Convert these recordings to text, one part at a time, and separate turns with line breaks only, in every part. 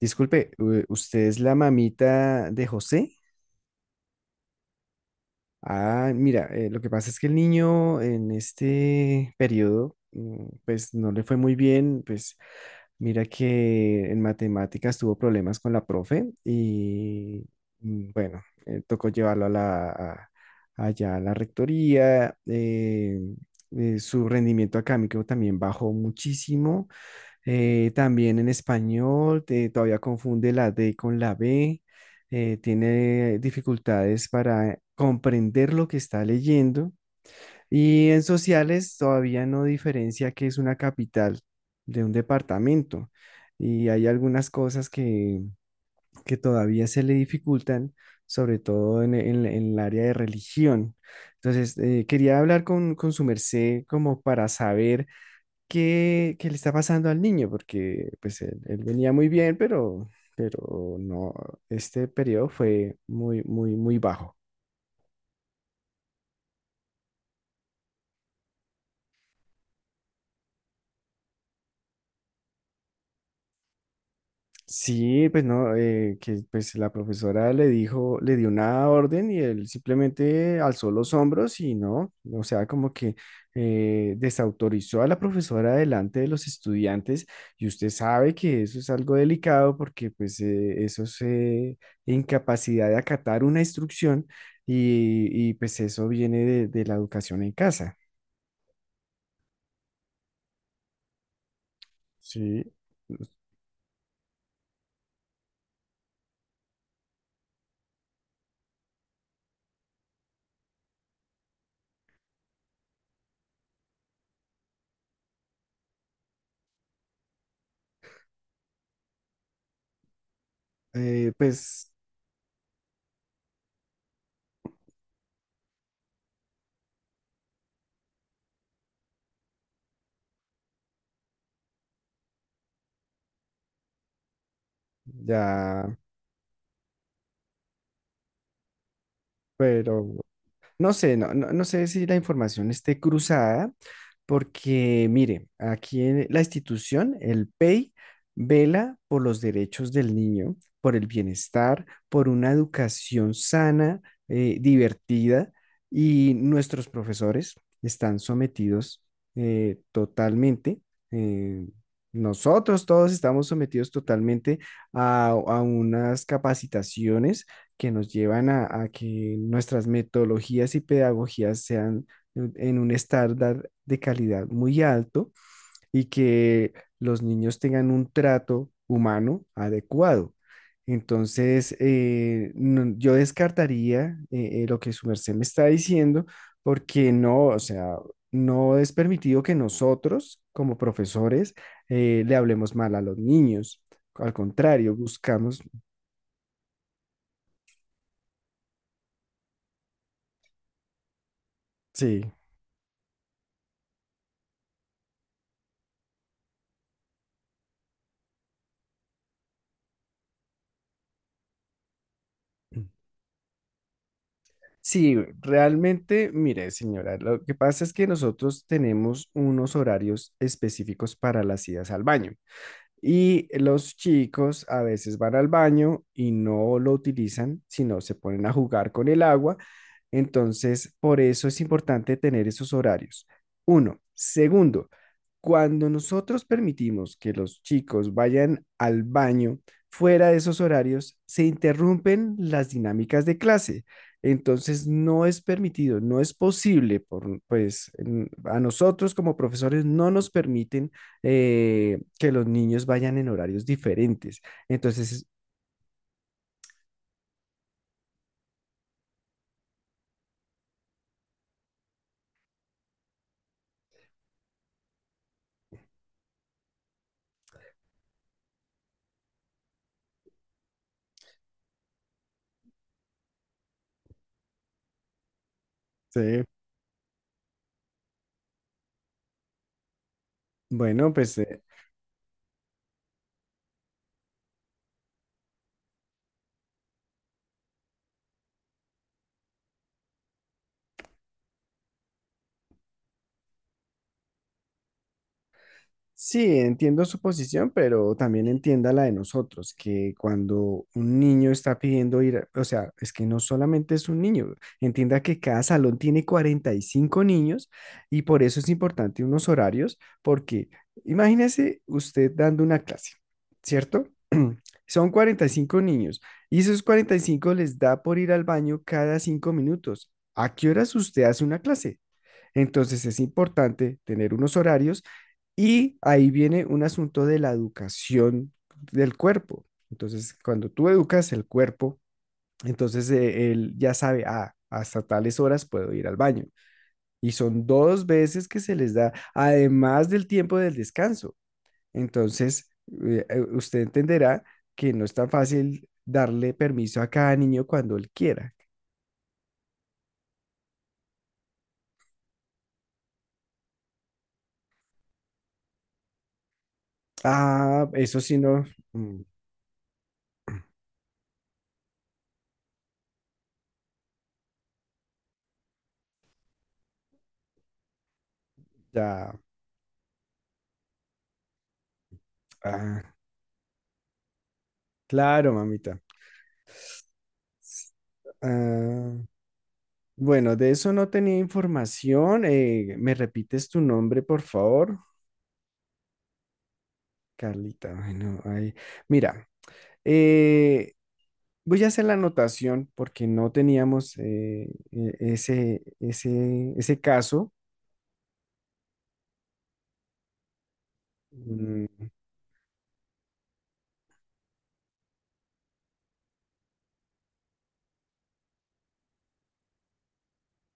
Disculpe, ¿usted es la mamita de José? Ah, mira, lo que pasa es que el niño en este periodo, pues no le fue muy bien, pues mira que en matemáticas tuvo problemas con la profe y bueno, tocó llevarlo a allá a la rectoría, su rendimiento académico también bajó muchísimo. También en español, todavía confunde la D con la B, tiene dificultades para comprender lo que está leyendo, y en sociales todavía no diferencia qué es una capital de un departamento, y hay algunas cosas que todavía se le dificultan, sobre todo en el área de religión. Entonces, quería hablar con su merced como para saber qué le está pasando al niño, porque pues él venía muy bien, pero no, este periodo fue muy, muy, muy bajo. Sí, pues no, que pues la profesora le dijo, le dio una orden y él simplemente alzó los hombros y no, o sea, como que desautorizó a la profesora delante de los estudiantes, y usted sabe que eso es algo delicado porque pues eso es incapacidad de acatar una instrucción, pues eso viene de la educación en casa, ¿sí? Pues ya, pero no sé, no sé si la información esté cruzada, porque mire, aquí en la institución, el PEI vela por los derechos del niño, por el bienestar, por una educación sana, divertida, y nuestros profesores están sometidos totalmente, eh, nosotros todos estamos sometidos totalmente a unas capacitaciones que nos llevan a que nuestras metodologías y pedagogías sean en un estándar de calidad muy alto, y que los niños tengan un trato humano adecuado. Entonces, yo descartaría lo que su merced me está diciendo, porque no, o sea, no es permitido que nosotros, como profesores, le hablemos mal a los niños. Al contrario, buscamos, sí. Sí, realmente, mire, señora, lo que pasa es que nosotros tenemos unos horarios específicos para las idas al baño, y los chicos a veces van al baño y no lo utilizan, sino se ponen a jugar con el agua. Entonces, por eso es importante tener esos horarios. Uno. Segundo, cuando nosotros permitimos que los chicos vayan al baño fuera de esos horarios, se interrumpen las dinámicas de clase. Entonces, no es permitido, no es posible, por, pues a nosotros como profesores no nos permiten que los niños vayan en horarios diferentes. Entonces, sí. Bueno, pues sí, entiendo su posición, pero también entienda la de nosotros, que cuando un niño está pidiendo ir, o sea, es que no solamente es un niño, entienda que cada salón tiene 45 niños, y por eso es importante unos horarios, porque imagínese usted dando una clase, ¿cierto? Son 45 niños y esos 45 les da por ir al baño cada 5 minutos. ¿A qué horas usted hace una clase? Entonces es importante tener unos horarios, y ahí viene un asunto de la educación del cuerpo. Entonces, cuando tú educas el cuerpo, entonces él ya sabe, ah, hasta tales horas puedo ir al baño. Y son dos veces que se les da, además del tiempo del descanso. Entonces, usted entenderá que no es tan fácil darle permiso a cada niño cuando él quiera. Ah, eso sí, no. Mm, ya. Ah, claro, mamita. Ah, bueno, de eso no tenía información. Eh, ¿me repites tu nombre, por favor? Carlita, bueno, ahí. Mira, eh, voy a hacer la anotación porque no teníamos ese caso. Mm,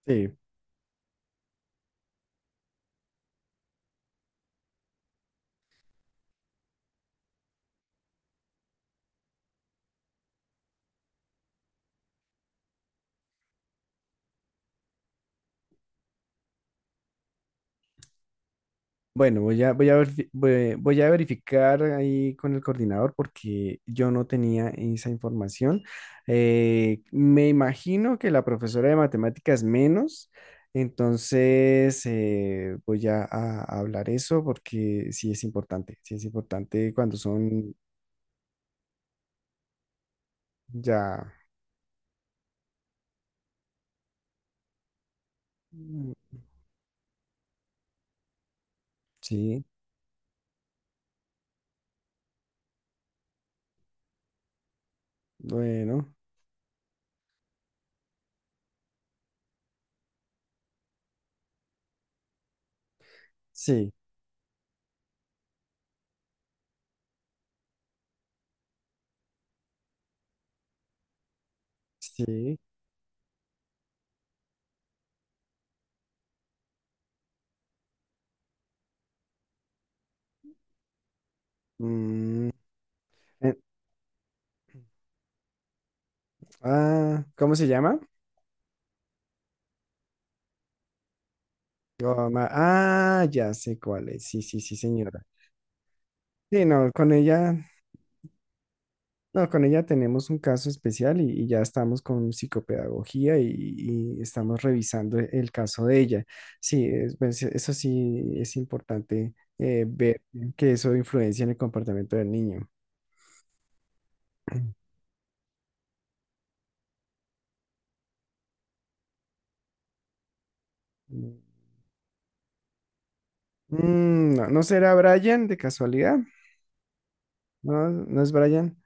sí. Bueno, voy a verificar ahí con el coordinador porque yo no tenía esa información. Me imagino que la profesora de matemáticas menos, entonces a hablar eso porque sí es importante cuando son ya, mm, sí, bueno, sí, sí. Mm. Eh, ah, ¿cómo se llama? Ah, ya sé cuál es. Sí, sí, sí, señora. Sí, no, con ella, no, con ella tenemos un caso especial y ya estamos con psicopedagogía y estamos revisando el caso de ella. Sí, pues, eso sí es importante ver que eso influencia en el comportamiento del niño. Mm, no, ¿no será Brian de casualidad? No, no es Brian.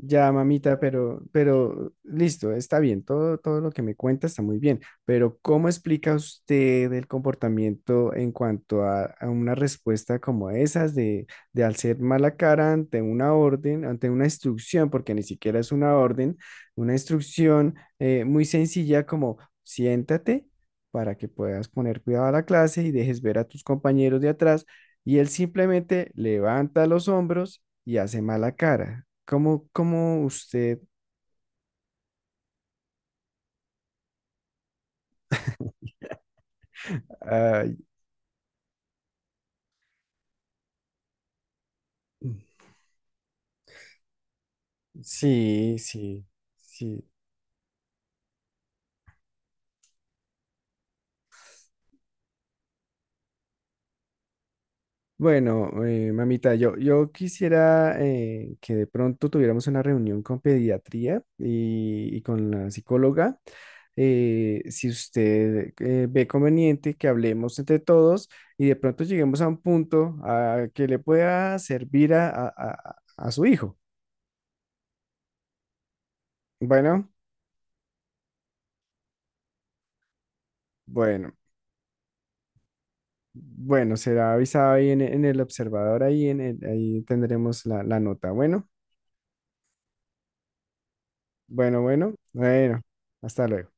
Ya, mamita, pero listo, está bien, todo, todo lo que me cuenta está muy bien, pero ¿cómo explica usted el comportamiento en cuanto a una respuesta como esas de hacer mala cara ante una orden, ante una instrucción, porque ni siquiera es una orden, una instrucción muy sencilla como siéntate para que puedas poner cuidado a la clase y dejes ver a tus compañeros de atrás, y él simplemente levanta los hombros y hace mala cara. ¿Cómo, cómo usted... ah, sí, sí, sí. Bueno, mamita, yo quisiera que de pronto tuviéramos una reunión con pediatría y con la psicóloga. Si usted ve conveniente que hablemos entre todos, y de pronto lleguemos a un punto ah, que le pueda servir a su hijo. Bueno, bueno. Bueno, será avisado ahí en el observador, ahí, ahí tendremos la, la nota. Bueno, bueno, bueno, bueno, hasta luego.